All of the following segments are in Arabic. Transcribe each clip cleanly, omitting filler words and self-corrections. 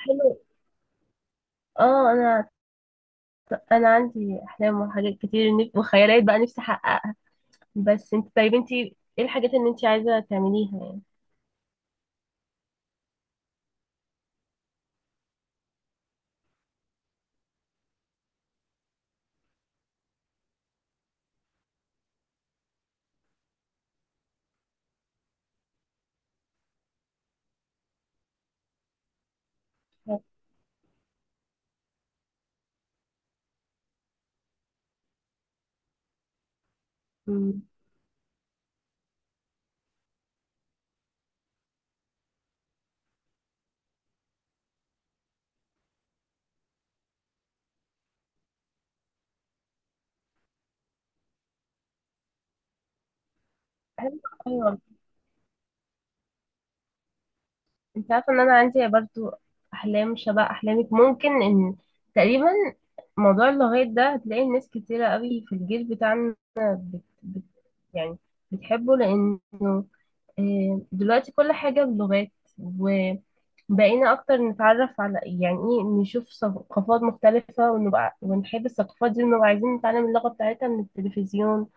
حلو. اه انا انا عندي احلام وحاجات كتير وخيالات بقى نفسي احققها. بس انت طيب، انت ايه الحاجات اللي انت عايزه تعمليها يعني؟ أمم، حلو. ايوه، انت عارفه ان انا عندي برضو احلام شبه احلامك، ممكن ان تقريبا. موضوع اللغات ده هتلاقي ناس كتيره قوي في الجيل بتاعنا يعني بتحبه لانه دلوقتي كل حاجه بلغات. بقينا اكتر نتعرف على يعني ايه، نشوف ثقافات مختلفة ونبقى ونحب الثقافات دي ونبقى عايزين نتعلم اللغة بتاعتها من التلفزيون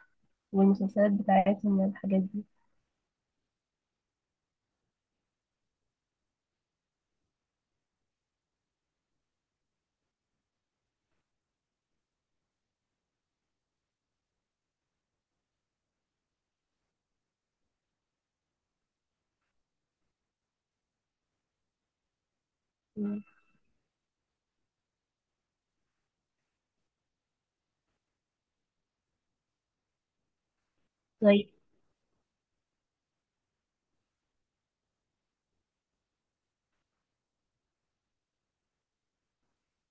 والمسلسلات بتاعتهم والحاجات دي. مم. طيب،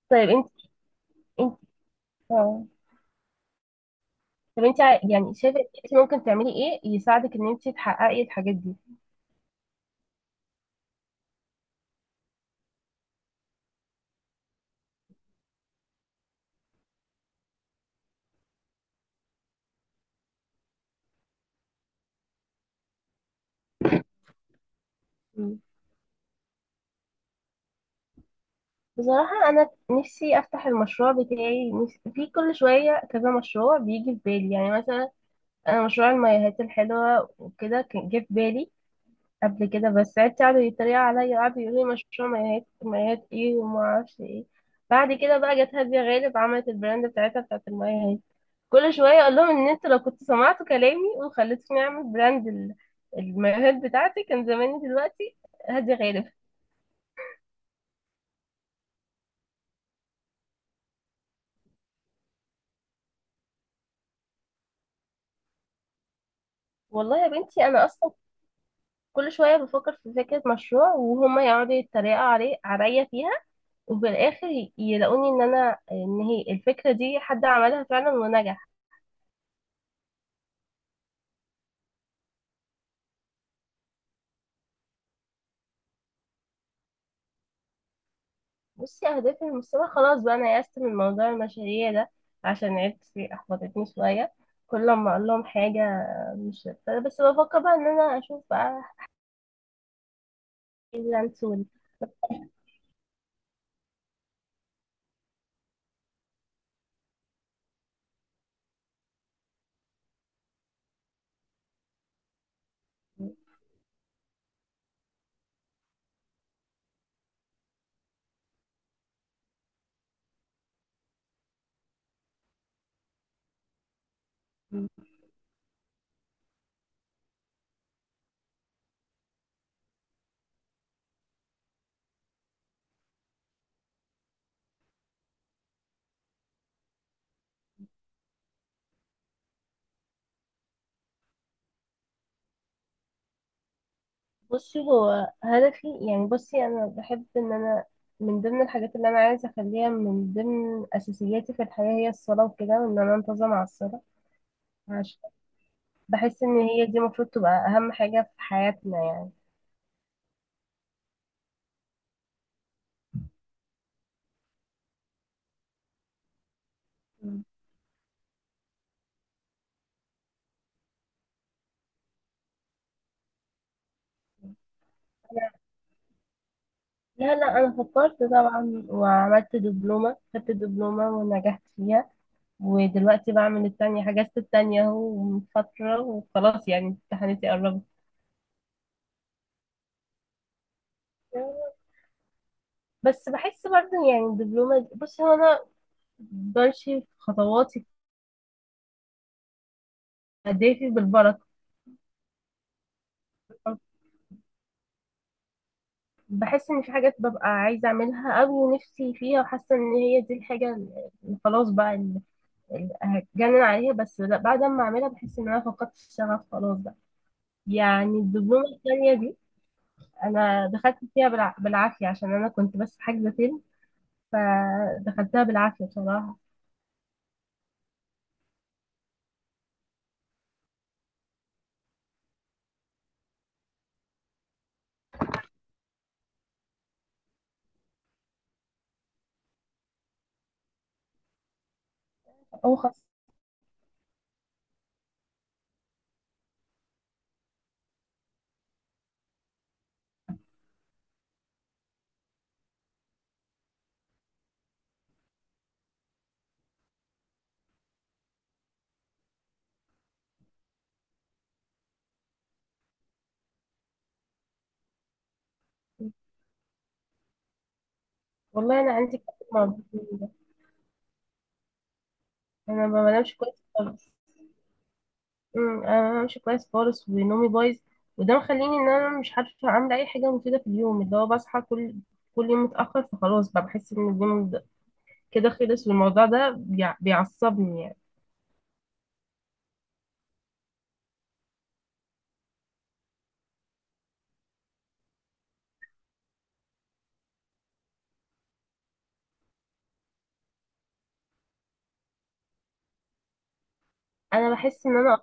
طيب. انت انت اه طب انت ع- يعني شايفة انت ممكن تعملي ايه يساعدك ان انت تحققي الحاجات دي؟ مم. بصراحة، أنا نفسي أفتح المشروع بتاعي. نفسي في كل شوية كذا مشروع بيجي في بالي، يعني مثلا أنا مشروع المايوهات الحلوة وكده كان جه في بالي قبل كده. بس عيلتي قعدوا يتريقوا عليا، قعدوا يقولوا لي مشروع مايهات مايهات ايه وما اعرفش ايه. بعد كده بقى جت هادية غالب عملت البراند بتاعتها بتاعت المايهات. كل شوية اقول لهم ان انتوا لو كنتوا سمعتوا كلامي وخليتوني اعمل براند المايوهات بتاعتي كان زماني دلوقتي هادية غالب. والله يا بنتي، انا اصلا كل شوية بفكر في فكرة مشروع وهما يقعدوا يتريقوا عليا فيها. وفي الاخر يلاقوني ان هي الفكرة دي حد عملها فعلا ونجح. بصي، أهدافي المستقبل خلاص بقى أنا يأست من موضوع المشاريع ده، عشان عيلتي أحبطتني شوية. كل ما أقول لهم حاجة مش بس بفكر بقى إن أنا أشوف بقى فريلانس بصي، هو هدفي يعني. بصي، أنا بحب إن أنا من ضمن الحاجات اللي أنا عايزة أخليها من ضمن أساسياتي في الحياة هي الصلاة وكده، وإن أنا أنتظم على الصلاة، عشان بحس إن هي دي المفروض تبقى أهم حاجة في حياتنا يعني. لا، لا، انا فكرت طبعا وعملت دبلومه، خدت دبلومه ونجحت فيها. ودلوقتي بعمل التانية، حجزت التانية اهو من فتره، وخلاص يعني امتحاناتي قربت. بس بحس برضه يعني الدبلومه بصي، هو انا بمشي في خطواتي، اهدافي بالبركه. بحس ان في حاجات ببقى عايزه اعملها قوي نفسي فيها، وحاسه ان هي دي الحاجه اللي خلاص بقى، اللي هتجنن عليها. بس لا، بعد ما اعملها بحس ان انا فقدت الشغف خلاص بقى. يعني الدبلومه الثانيه دي انا دخلت فيها بالعافيه عشان انا كنت بس حاجزه فيلم، فدخلتها بالعافيه بصراحه. او خلاص. والله انا عندي كتر موضوع ده، انا ما بنامش كويس خالص. انا ما بنامش كويس خالص ونومي بايظ، وده مخليني ان انا مش عارفه اعمل اي حاجه مفيده في اليوم. اللي هو بصحى كل يوم متاخر، فخلاص بقى بحس ان اليوم كده خلص، والموضوع ده بيعصبني يعني. انا بحس ان انا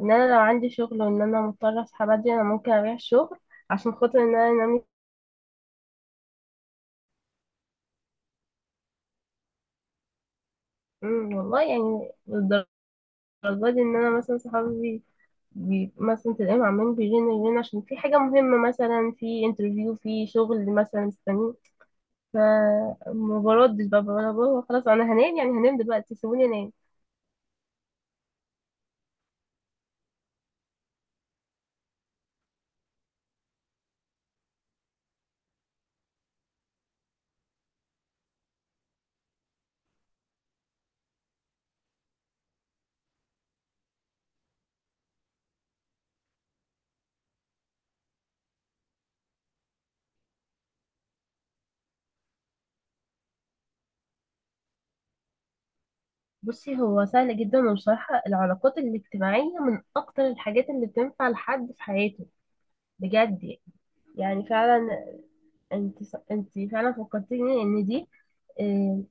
ان انا لو عندي شغل وان انا مضطره اصحى بدري، انا ممكن اريح الشغل عشان خاطر ان انا انام. والله يعني للدرجة دي ان انا مثلا صحابي بي مثلا تلاقيهم عمالين يجينا عشان في حاجة مهمة مثلا في انترفيو في شغل مثلا مستنيه. فما بردش بقى، بقول بابا خلاص انا هنام، يعني هنام دلوقتي، سيبوني انام. بصي، هو سهل جدا، وبصراحة العلاقات الاجتماعية من اكتر الحاجات اللي بتنفع لحد في حياته، بجد يعني فعلا. انت انت فعلا فكرتيني ان دي آه،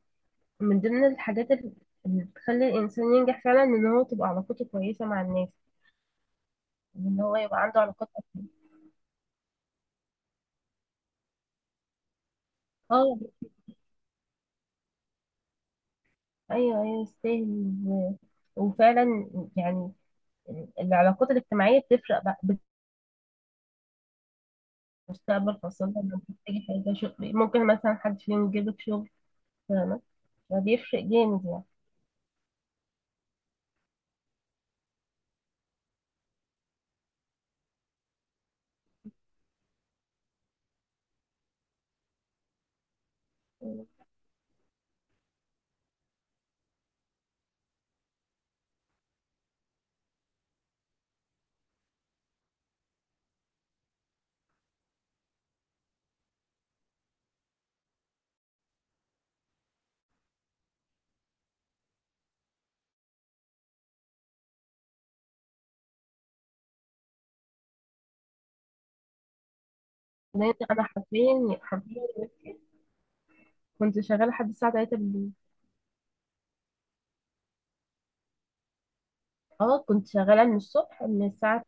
من ضمن الحاجات اللي بتخلي الإنسان ينجح فعلا، إن هو تبقى علاقته كويسة مع الناس، إن هو يبقى عنده علاقات. اه، أيوه، أيوه، يستاهل وفعلا يعني العلاقات الاجتماعية بتفرق بقى بالمستقبل، خاصة لما بتحتاجي حاجة شغل ممكن مثلا حد فيهم يجيبلك شغل، فاهمة؟ فبيفرق جامد يعني. لأن أنا حرفيا حرفيا دلوقتي كنت شغالة لحد الساعة 3 بالليل. اه كنت شغالة من الصبح، من الساعة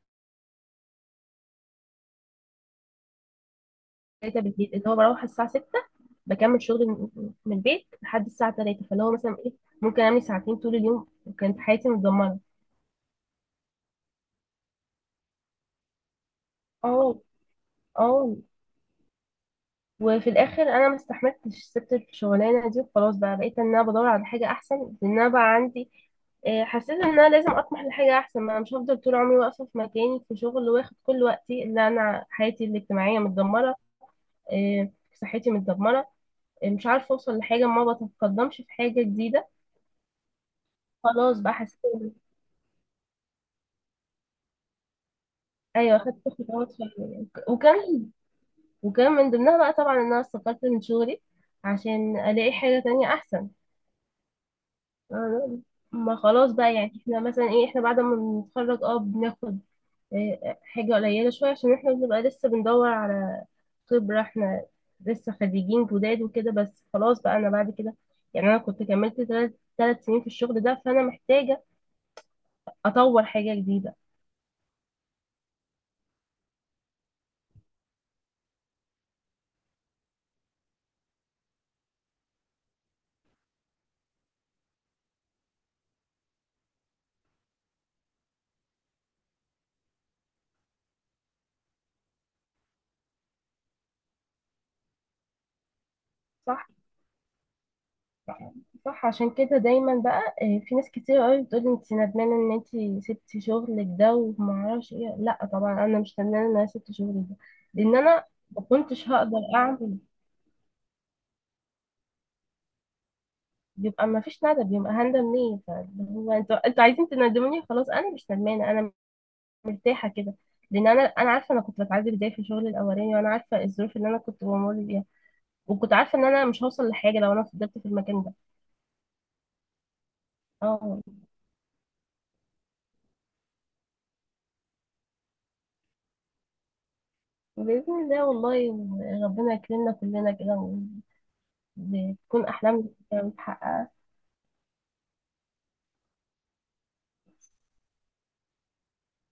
3 بالليل اللي هو بروح الساعة 6، بكمل شغلي من البيت لحد الساعة 3، فاللي هو مثلا ايه ممكن أعمل ساعتين طول اليوم، وكانت حياتي متدمرة. اه، اه، وفي الآخر أنا ما استحملتش، سبت الشغلانة دي، وخلاص بقى بقيت إن أنا بدور على حاجة أحسن. لأن أنا بقى عندي، حسيت إن أنا لازم أطمح لحاجة أحسن، ما أنا مش هفضل طول عمري واقفة في مكاني في شغل واخد كل وقتي، اللي أنا حياتي الاجتماعية متدمرة، صحتي متدمرة، مش عارفة أوصل لحاجة، ما بتقدمش في حاجة جديدة. خلاص بقى حسيت. ايوه خدت خطوات فعلا، وكان من ضمنها بقى طبعا ان انا استقلت من شغلي عشان الاقي حاجه تانية احسن. أنا- ما خلاص بقى، يعني احنا مثلا ايه، احنا بعد ما بنتخرج بناخد إيه، حاجه قليله شويه عشان احنا بنبقى لسه بندور على خبره، احنا لسه خريجين جداد وكده، بس خلاص بقى انا بعد كده يعني انا كنت كملت ثلاث سنين في الشغل ده، فانا محتاجه اطور حاجه جديده. صح. صح عشان كده دايما بقى في ناس كتير قوي بتقول انت ندمانه ان انت سبتي شغلك ده وما اعرفش ايه. لا طبعا انا مش ندمانه ان انا سبت شغلي ده، لان انا ما كنتش هقدر اعمل. بيبقى ما فيش ندم. بيبقى هندم ليه؟ فاللي هو انتوا عايزين تندموني خلاص. انا مش ندمانه، انا مرتاحه كده. لان انا عارفه انا كنت بتعذب ازاي في شغلي الاولاني، وانا عارفه الظروف اللي انا كنت بمر بيها، وكنت عارفه ان انا مش هوصل لحاجه لو انا فضلت في المكان ده. اه، باذن الله. والله ربنا يكرمنا كلنا كده، بتكون أحلامي كده متحققة.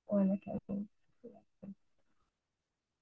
وأنا كمان.